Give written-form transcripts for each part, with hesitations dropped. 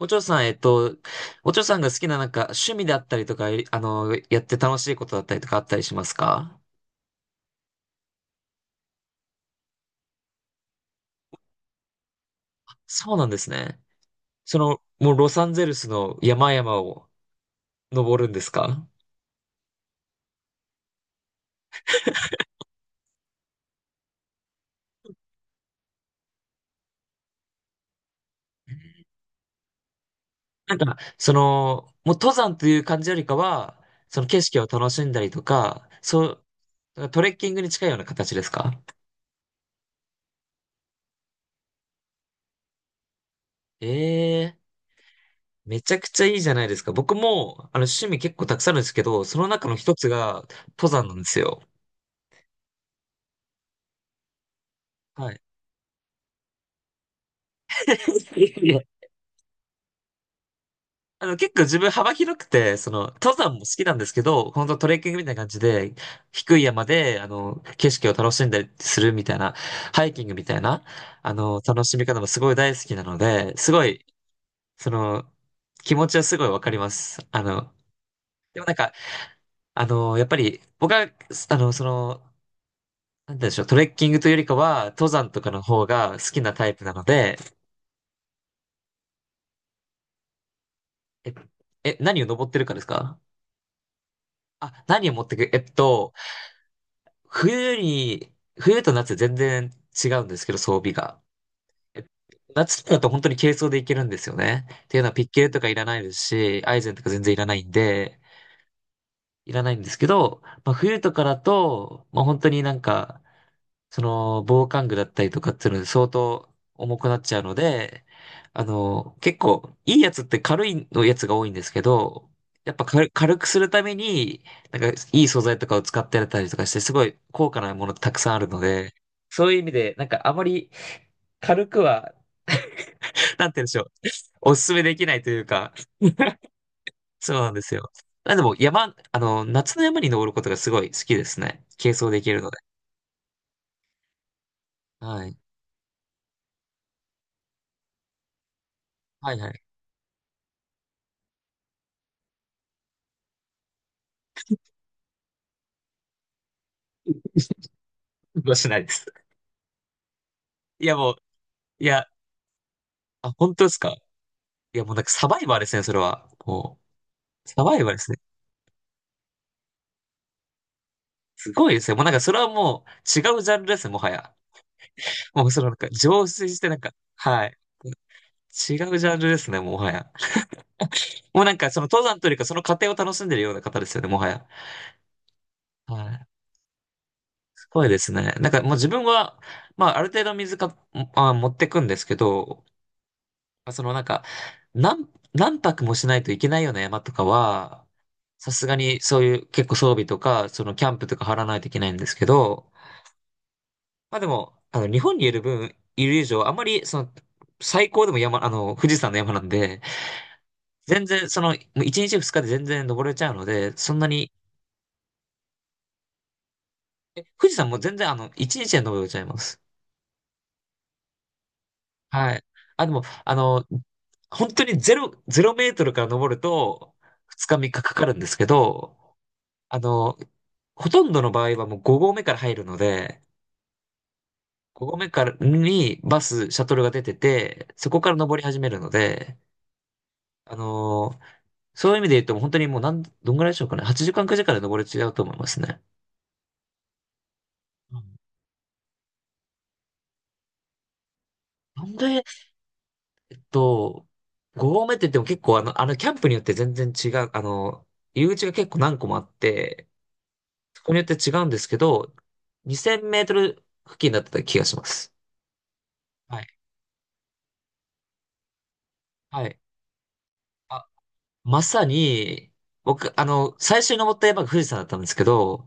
お嬢さん、お嬢さんが好きななんか趣味だったりとか、いあの、やって楽しいことだったりとかあったりしますか？そうなんですね。もうロサンゼルスの山々を登るんですか？その、もう登山という感じよりかは、その景色を楽しんだりとか、そう、だからトレッキングに近いような形ですか？ええ。めちゃくちゃいいじゃないですか。僕も、趣味結構たくさんあるんですけど、その中の一つが登山なんですよ。はい。結構自分幅広くて、登山も好きなんですけど、本当トレッキングみたいな感じで、低い山で、景色を楽しんだりするみたいな、ハイキングみたいな、楽しみ方もすごい大好きなので、すごい、その気持ちはすごいわかります。でもなんか、やっぱり、僕は、あの、その、なんて言うんでしょう、トレッキングというよりかは、登山とかの方が好きなタイプなので、え、え、何を登ってるかですか？あ、何を持ってく、冬に、冬と夏全然違うんですけど、装備が。え夏だと本当に軽装でいけるんですよね。っていうのはピッケルとかいらないですし、アイゼンとか全然いらないんで、いらないんですけど、まあ、冬とかだと、まあ、本当になんか、その防寒具だったりとかっていうので相当重くなっちゃうので、結構いいやつって軽いのやつが多いんですけど、やっぱ軽くするために、なんかいい素材とかを使ってやったりとかして、すごい高価なものたくさんあるので、そういう意味で、なんかあまり軽くは、なんて言うんでしょう、おすすめできないというか、そうなんですよ。なんでも山、夏の山に登ることがすごい好きですね。軽装できるので。はい。はいはい。運動しないです。いやもう、いや、あ、本当ですか？いや、もうなんかサバイバーですね、それは。もう、サバイバーですね。すごいですね。もうなんかそれはもう違うジャンルですね、もはや。もうそのなんか浄水してなんか、はい。違うジャンルですね、もはや。もうなんかその登山というかその過程を楽しんでるような方ですよね、もはや。はい。すごいですね。なんかもう自分は、まあある程度水か、あ、持ってくんですけど、あなんか、何、何泊もしないといけないような山とかは、さすがにそういう結構装備とか、そのキャンプとか張らないといけないんですけど、まあでも、日本にいる以上、あんまり最高でも山、あの、富士山の山なんで、全然もう1日2日で全然登れちゃうので、そんなに、富士山も全然1日で登れちゃいます。はい。あ、でも、本当にゼロメートルから登ると、2日3日かかかるんですけど、あの、ほとんどの場合はもう5合目から入るので、5合目からにシャトルが出てて、そこから登り始めるので、あのーそういう意味で言うとも本当にもうどんぐらいでしょうかね。8時間、9時間で登れ違うと思いますね。うん。なんで、っと、5合目って言っても結構キャンプによって全然違う、入り口が結構何個もあって、そこによって違うんですけど、2000メートル付近だった気がします。はい。はい。まさに、僕、最初に登った山が富士山だったんですけど、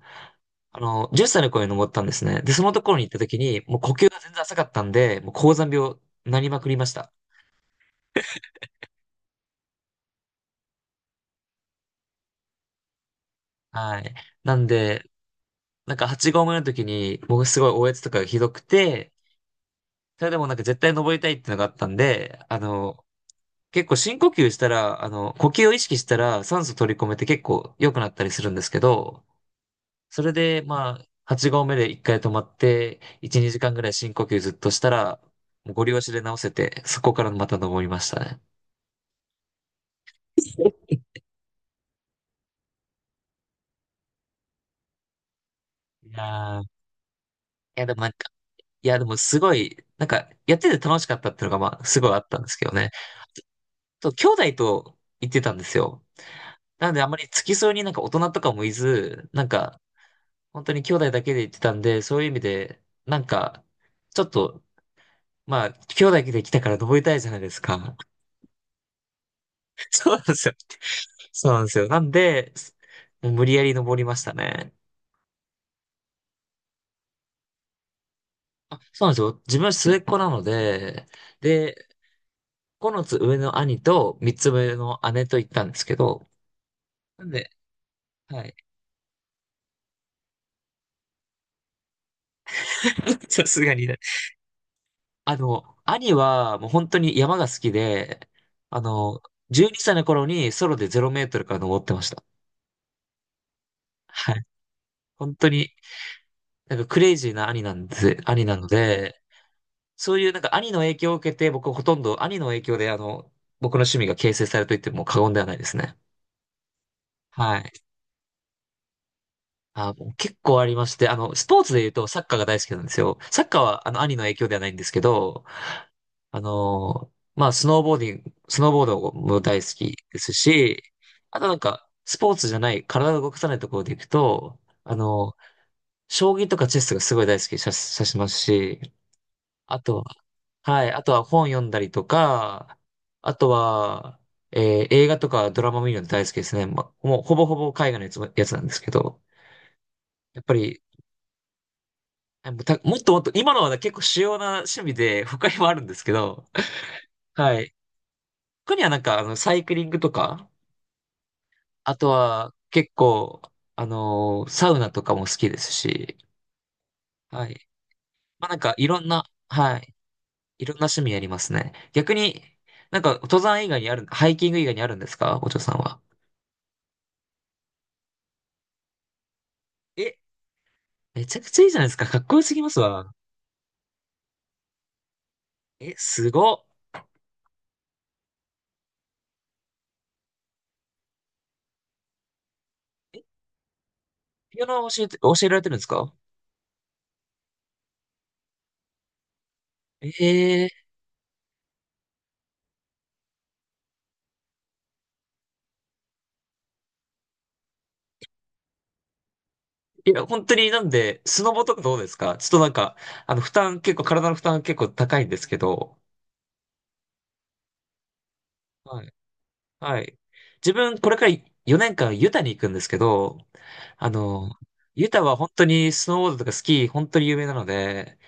10歳の頃に登ったんですね。で、そのところに行った時に、もう呼吸が全然浅かったんで、もう高山病になりまくりました。はい。なんで、なんか8合目の時に、僕すごいおえつとかがひどくて、それでもなんか絶対登りたいっていうのがあったんで、結構深呼吸したら、呼吸を意識したら酸素取り込めて結構良くなったりするんですけど、それで、まあ、8合目で1回止まって、1、2時間ぐらい深呼吸ずっとしたら、もうゴリ押しで直せて、そこからまた登りましたね。いやー、いやでもなんか、いやでもすごい、なんか、やってて楽しかったっていうのが、まあ、すごいあったんですけどね。兄弟と行ってたんですよ。なのであまり付き添いになんか大人とかもいず、なんか、本当に兄弟だけで行ってたんで、そういう意味で、なんか、ちょっと、まあ、兄弟で来たから登りたいじゃないですか。そうなんですよ。そうなんですよ。なんで、もう無理やり登りましたね。あ、そうなんですよ。自分は末っ子なので、で、ここのつ上の兄と三つ上の姉と行ったんですけど、なんで、はい。さすがにね。兄はもう本当に山が好きで、あの、12歳の頃にソロで0メートルから登ってました。はい。本当に、なんかクレイジーな兄なんです、兄なので、そういうなんか兄の影響を受けて、僕ほとんど兄の影響で僕の趣味が形成されると言っても過言ではないですね。はい。あ、もう結構ありまして、スポーツで言うとサッカーが大好きなんですよ。サッカーはあの兄の影響ではないんですけど、あのスノーボードも大好きですし、あとなんか、スポーツじゃない、体を動かさないところで行くと、将棋とかチェスがすごい大好きさ、さしますし、あとは、はい。あとは本読んだりとか、あとは、映画とかドラマ見るの大好きですね。ま、もうほぼほぼ海外のやつなんですけど、やっぱり、あもうたもっともっと、今のはね結構主要な趣味で、他にもあるんですけど、はい。他にはなんか、サイクリングとか、あとは結構、サウナとかも好きですし、はい。まあ、なんか、いろんな、はい。いろんな趣味やりますね。逆に、なんか、登山以外にある、ハイキング以外にあるんですか、お嬢さんは？え、めちゃくちゃいいじゃないですか。かっこよすぎますわ。え、すごっ。え、ピアノを教えられてるんですか？ええ、いや、本当になんで、スノボとかどうですか？ちょっとなんか、負担結構、体の負担結構高いんですけど、はい、はい。自分、これから4年間ユタに行くんですけど、あの、ユタは本当にスノーボードとかスキー、本当に有名なので、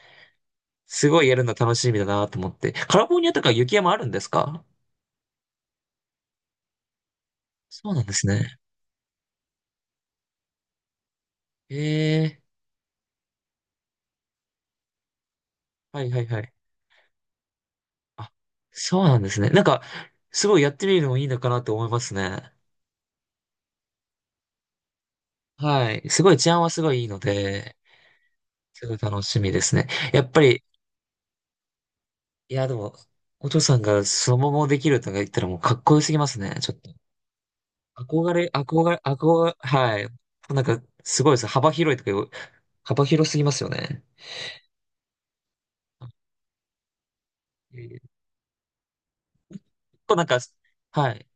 すごいやるの楽しみだなと思って。カリフォルニアとか雪山あるんですか？そうなんですね。ええ、はいはいはい。あ、そうなんですね。なんか、すごいやってみるのもいいのかなと思いますね。はい。すごい治安はすごいいいので、すごい楽しみですね。やっぱり、いや、でも、お嬢さんがそのままできるとか言ったらもうかっこよすぎますね。ちょっと。憧れ、憧れ、憧れ、はい。なんか、すごいです。幅広すぎますよね。えーこうなんか、はい。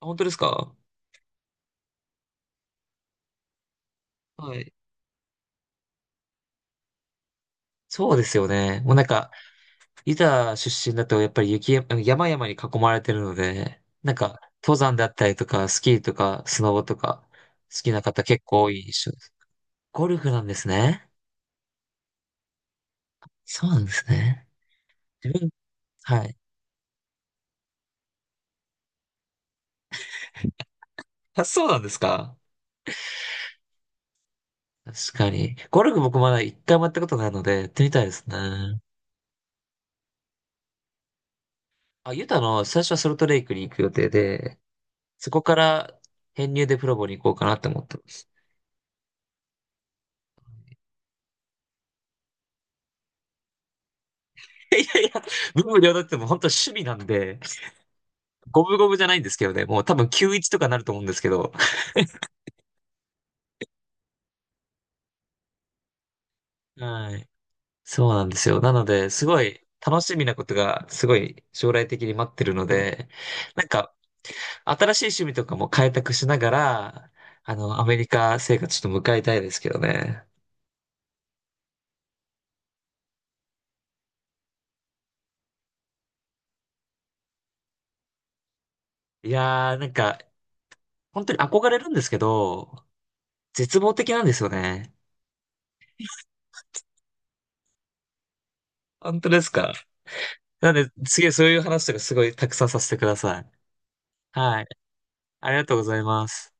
あ、本当ですか？はい。そうですよね。もうなんか、ユタ出身だとやっぱり山々に囲まれてるので、なんか登山だったりとか、スキーとか、スノボとか、好きな方結構多い印象です。ゴルフなんですね。そうなんですね。自分、はい。あ、そうなんですか。確かに。ゴルフ僕まだ一回もやったことないので、やってみたいですね。あ、ユタの最初はソルトレイクに行く予定で、そこから編入でプロボに行こうかなって思ってます。いやいや、文武両道ってもう本当趣味なんで、五分五分じゃないんですけどね、もう多分9-1とかなると思うんですけど。はい。そうなんですよ。なので、すごい楽しみなことが、すごい将来的に待ってるので、なんか、新しい趣味とかも開拓しながら、アメリカ生活ちょっと迎えたいですけどね。いやー、なんか、本当に憧れるんですけど、絶望的なんですよね。本当ですか？なので、次そういう話とかすごいたくさんさせてください。はい。ありがとうございます。